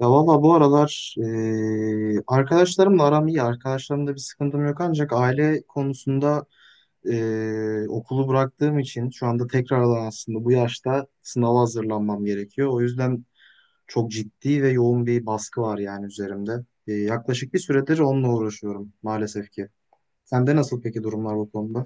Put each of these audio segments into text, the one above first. Ya valla bu aralar arkadaşlarımla aram iyi. Arkadaşlarımda bir sıkıntım yok, ancak aile konusunda okulu bıraktığım için şu anda tekrardan aslında bu yaşta sınava hazırlanmam gerekiyor. O yüzden çok ciddi ve yoğun bir baskı var yani üzerimde. Yaklaşık bir süredir onunla uğraşıyorum maalesef ki. Sende nasıl peki durumlar bu konuda?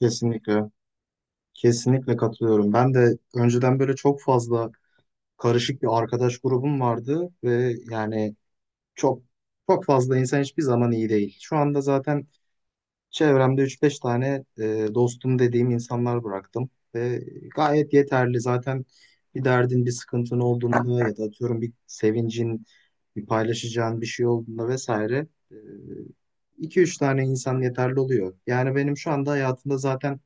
Kesinlikle. Kesinlikle katılıyorum. Ben de önceden böyle çok fazla karışık bir arkadaş grubum vardı ve yani çok fazla insan hiçbir zaman iyi değil. Şu anda zaten çevremde üç beş tane dostum dediğim insanlar bıraktım ve gayet yeterli. Zaten bir derdin, bir sıkıntın olduğunda ya da atıyorum bir sevincin, bir paylaşacağın bir şey olduğunda vesaire 2-3 tane insan yeterli oluyor. Yani benim şu anda hayatımda zaten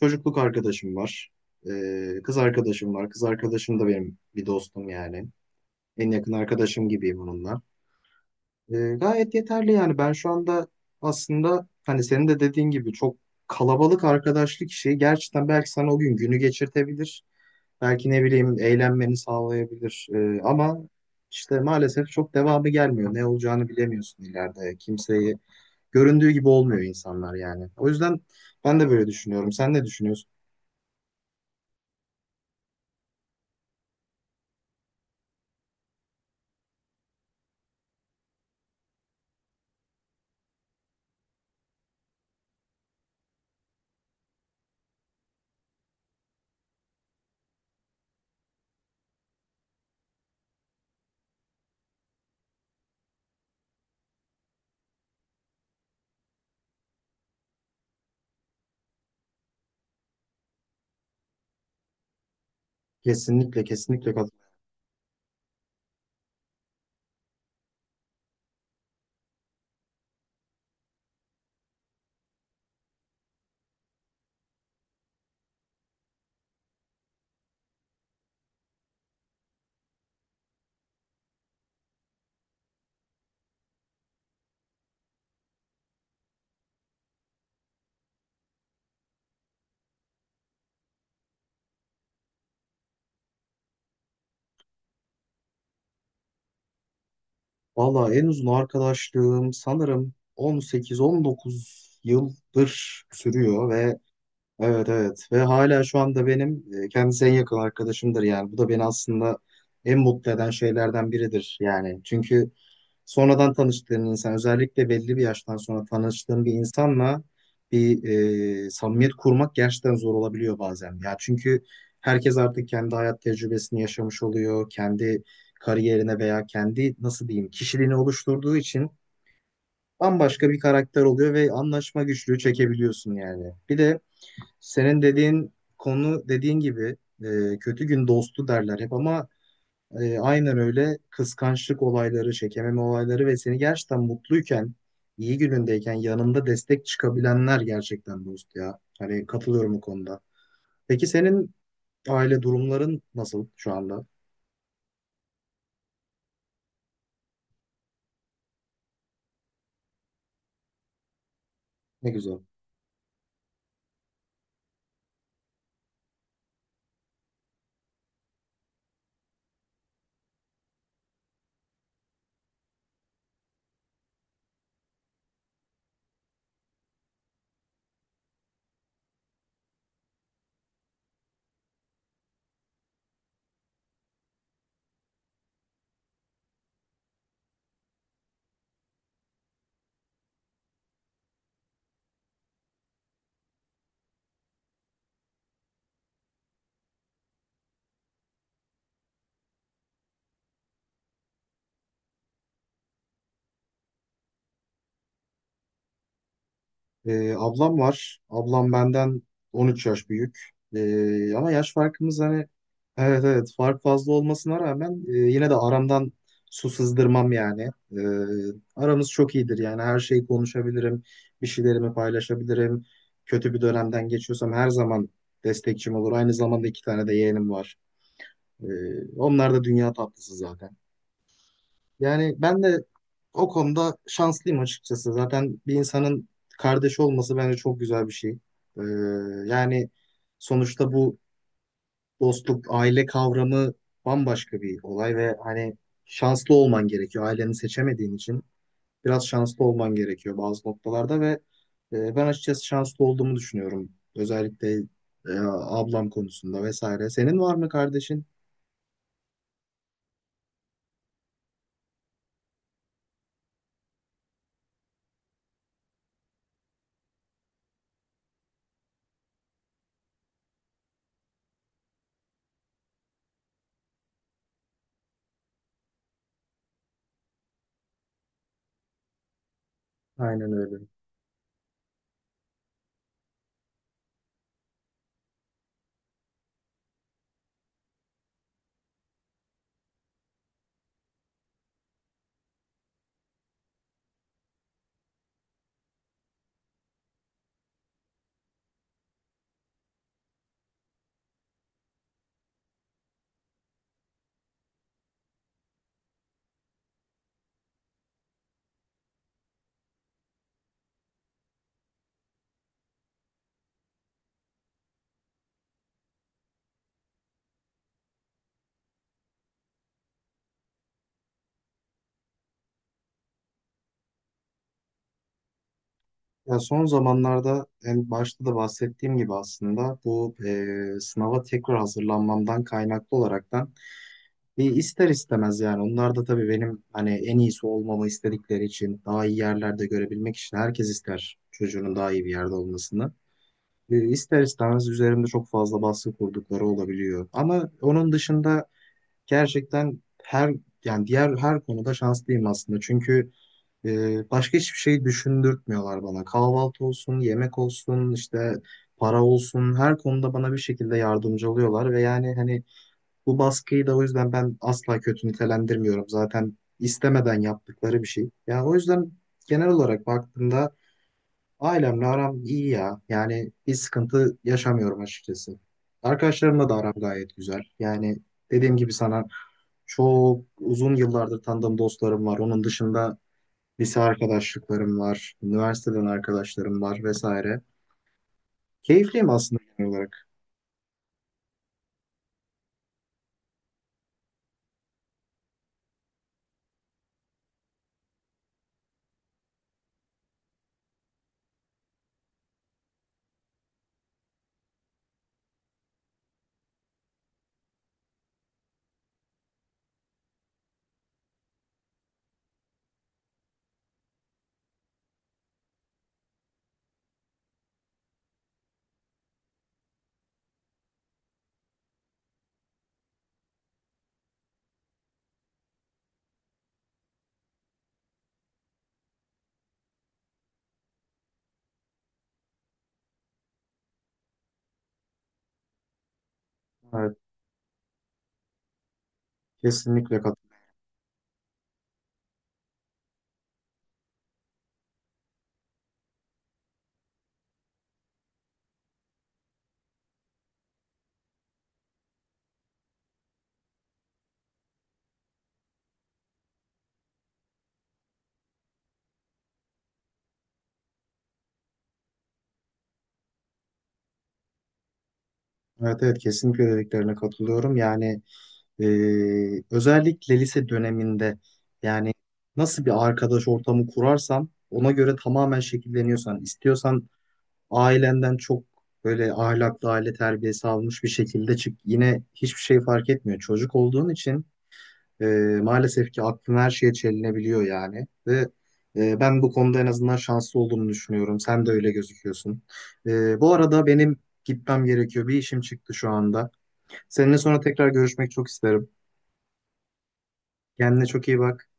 çocukluk arkadaşım var. E, kız arkadaşım var. Kız arkadaşım da benim bir dostum yani. En yakın arkadaşım gibiyim onunla. E, gayet yeterli yani ben şu anda aslında hani senin de dediğin gibi çok kalabalık arkadaşlık işi gerçekten belki sana o gün günü geçirtebilir. Belki ne bileyim eğlenmeni sağlayabilir. E, ama işte maalesef çok devamı gelmiyor. Ne olacağını bilemiyorsun ileride. Kimseyi göründüğü gibi olmuyor insanlar yani. O yüzden ben de böyle düşünüyorum. Sen ne düşünüyorsun? Kesinlikle, kesinlikle katılıyorum. Valla en uzun arkadaşlığım sanırım 18-19 yıldır sürüyor ve evet, evet, ve hala şu anda benim kendisi en yakın arkadaşımdır yani. Bu da beni aslında en mutlu eden şeylerden biridir yani. Çünkü sonradan tanıştığın insan, özellikle belli bir yaştan sonra tanıştığın bir insanla bir samimiyet kurmak gerçekten zor olabiliyor bazen. Ya çünkü herkes artık kendi hayat tecrübesini yaşamış oluyor. Kendi kariyerine veya kendi nasıl diyeyim kişiliğini oluşturduğu için bambaşka bir karakter oluyor ve anlaşma güçlüğü çekebiliyorsun yani. Bir de senin dediğin konu dediğin gibi kötü gün dostu derler hep ama aynen öyle, kıskançlık olayları, çekememe olayları ve seni gerçekten mutluyken, iyi günündeyken yanında destek çıkabilenler gerçekten dost ya. Hani katılıyorum bu konuda. Peki senin aile durumların nasıl şu anda? Ne güzel. Ablam var. Ablam benden 13 yaş büyük. Ama yaş farkımız hani, evet, evet, fark fazla olmasına rağmen yine de aramdan su sızdırmam yani. Aramız çok iyidir yani, her şeyi konuşabilirim. Bir şeylerimi paylaşabilirim. Kötü bir dönemden geçiyorsam her zaman destekçim olur. Aynı zamanda iki tane de yeğenim var. Onlar da dünya tatlısı zaten. Yani ben de o konuda şanslıyım açıkçası. Zaten bir insanın kardeşi olması bence çok güzel bir şey. Ee, Yani sonuçta bu dostluk, aile kavramı bambaşka bir olay ve hani şanslı olman gerekiyor. Aileni seçemediğin için biraz şanslı olman gerekiyor bazı noktalarda ve ben açıkçası şanslı olduğumu düşünüyorum. Özellikle ablam konusunda vesaire. Senin var mı kardeşin? Aynen öyle. Ya son zamanlarda, en başta da bahsettiğim gibi, aslında bu sınava tekrar hazırlanmamdan kaynaklı olaraktan bir ister istemez yani, onlar da tabii benim hani en iyisi olmamı istedikleri için, daha iyi yerlerde görebilmek için, herkes ister çocuğunun daha iyi bir yerde olmasını. E, ister istemez üzerimde çok fazla baskı kurdukları olabiliyor. Ama onun dışında gerçekten her, yani diğer her konuda şanslıyım aslında. Çünkü başka hiçbir şey düşündürtmüyorlar bana. Kahvaltı olsun, yemek olsun, işte para olsun, her konuda bana bir şekilde yardımcı oluyorlar ve yani hani bu baskıyı da o yüzden ben asla kötü nitelendirmiyorum. Zaten istemeden yaptıkları bir şey. Yani o yüzden genel olarak baktığımda ailemle aram iyi ya. Yani bir sıkıntı yaşamıyorum açıkçası. Arkadaşlarımla da aram gayet güzel. Yani dediğim gibi sana, çok uzun yıllardır tanıdığım dostlarım var. Onun dışında lise arkadaşlıklarım var, üniversiteden arkadaşlarım var vesaire. Keyifliyim aslında genel olarak. Evet, kesinlikle katılıyorum. Evet, evet, kesinlikle dediklerine katılıyorum. Yani özellikle lise döneminde, yani nasıl bir arkadaş ortamı kurarsan ona göre tamamen şekilleniyorsan, istiyorsan ailenden çok böyle ahlaklı aile terbiyesi almış bir şekilde çık, yine hiçbir şey fark etmiyor. Çocuk olduğun için e, maalesef ki aklın her şeye çelinebiliyor yani ve ben bu konuda en azından şanslı olduğumu düşünüyorum. Sen de öyle gözüküyorsun. E, bu arada benim gitmem gerekiyor. Bir işim çıktı şu anda. Seninle sonra tekrar görüşmek çok isterim. Kendine çok iyi bak.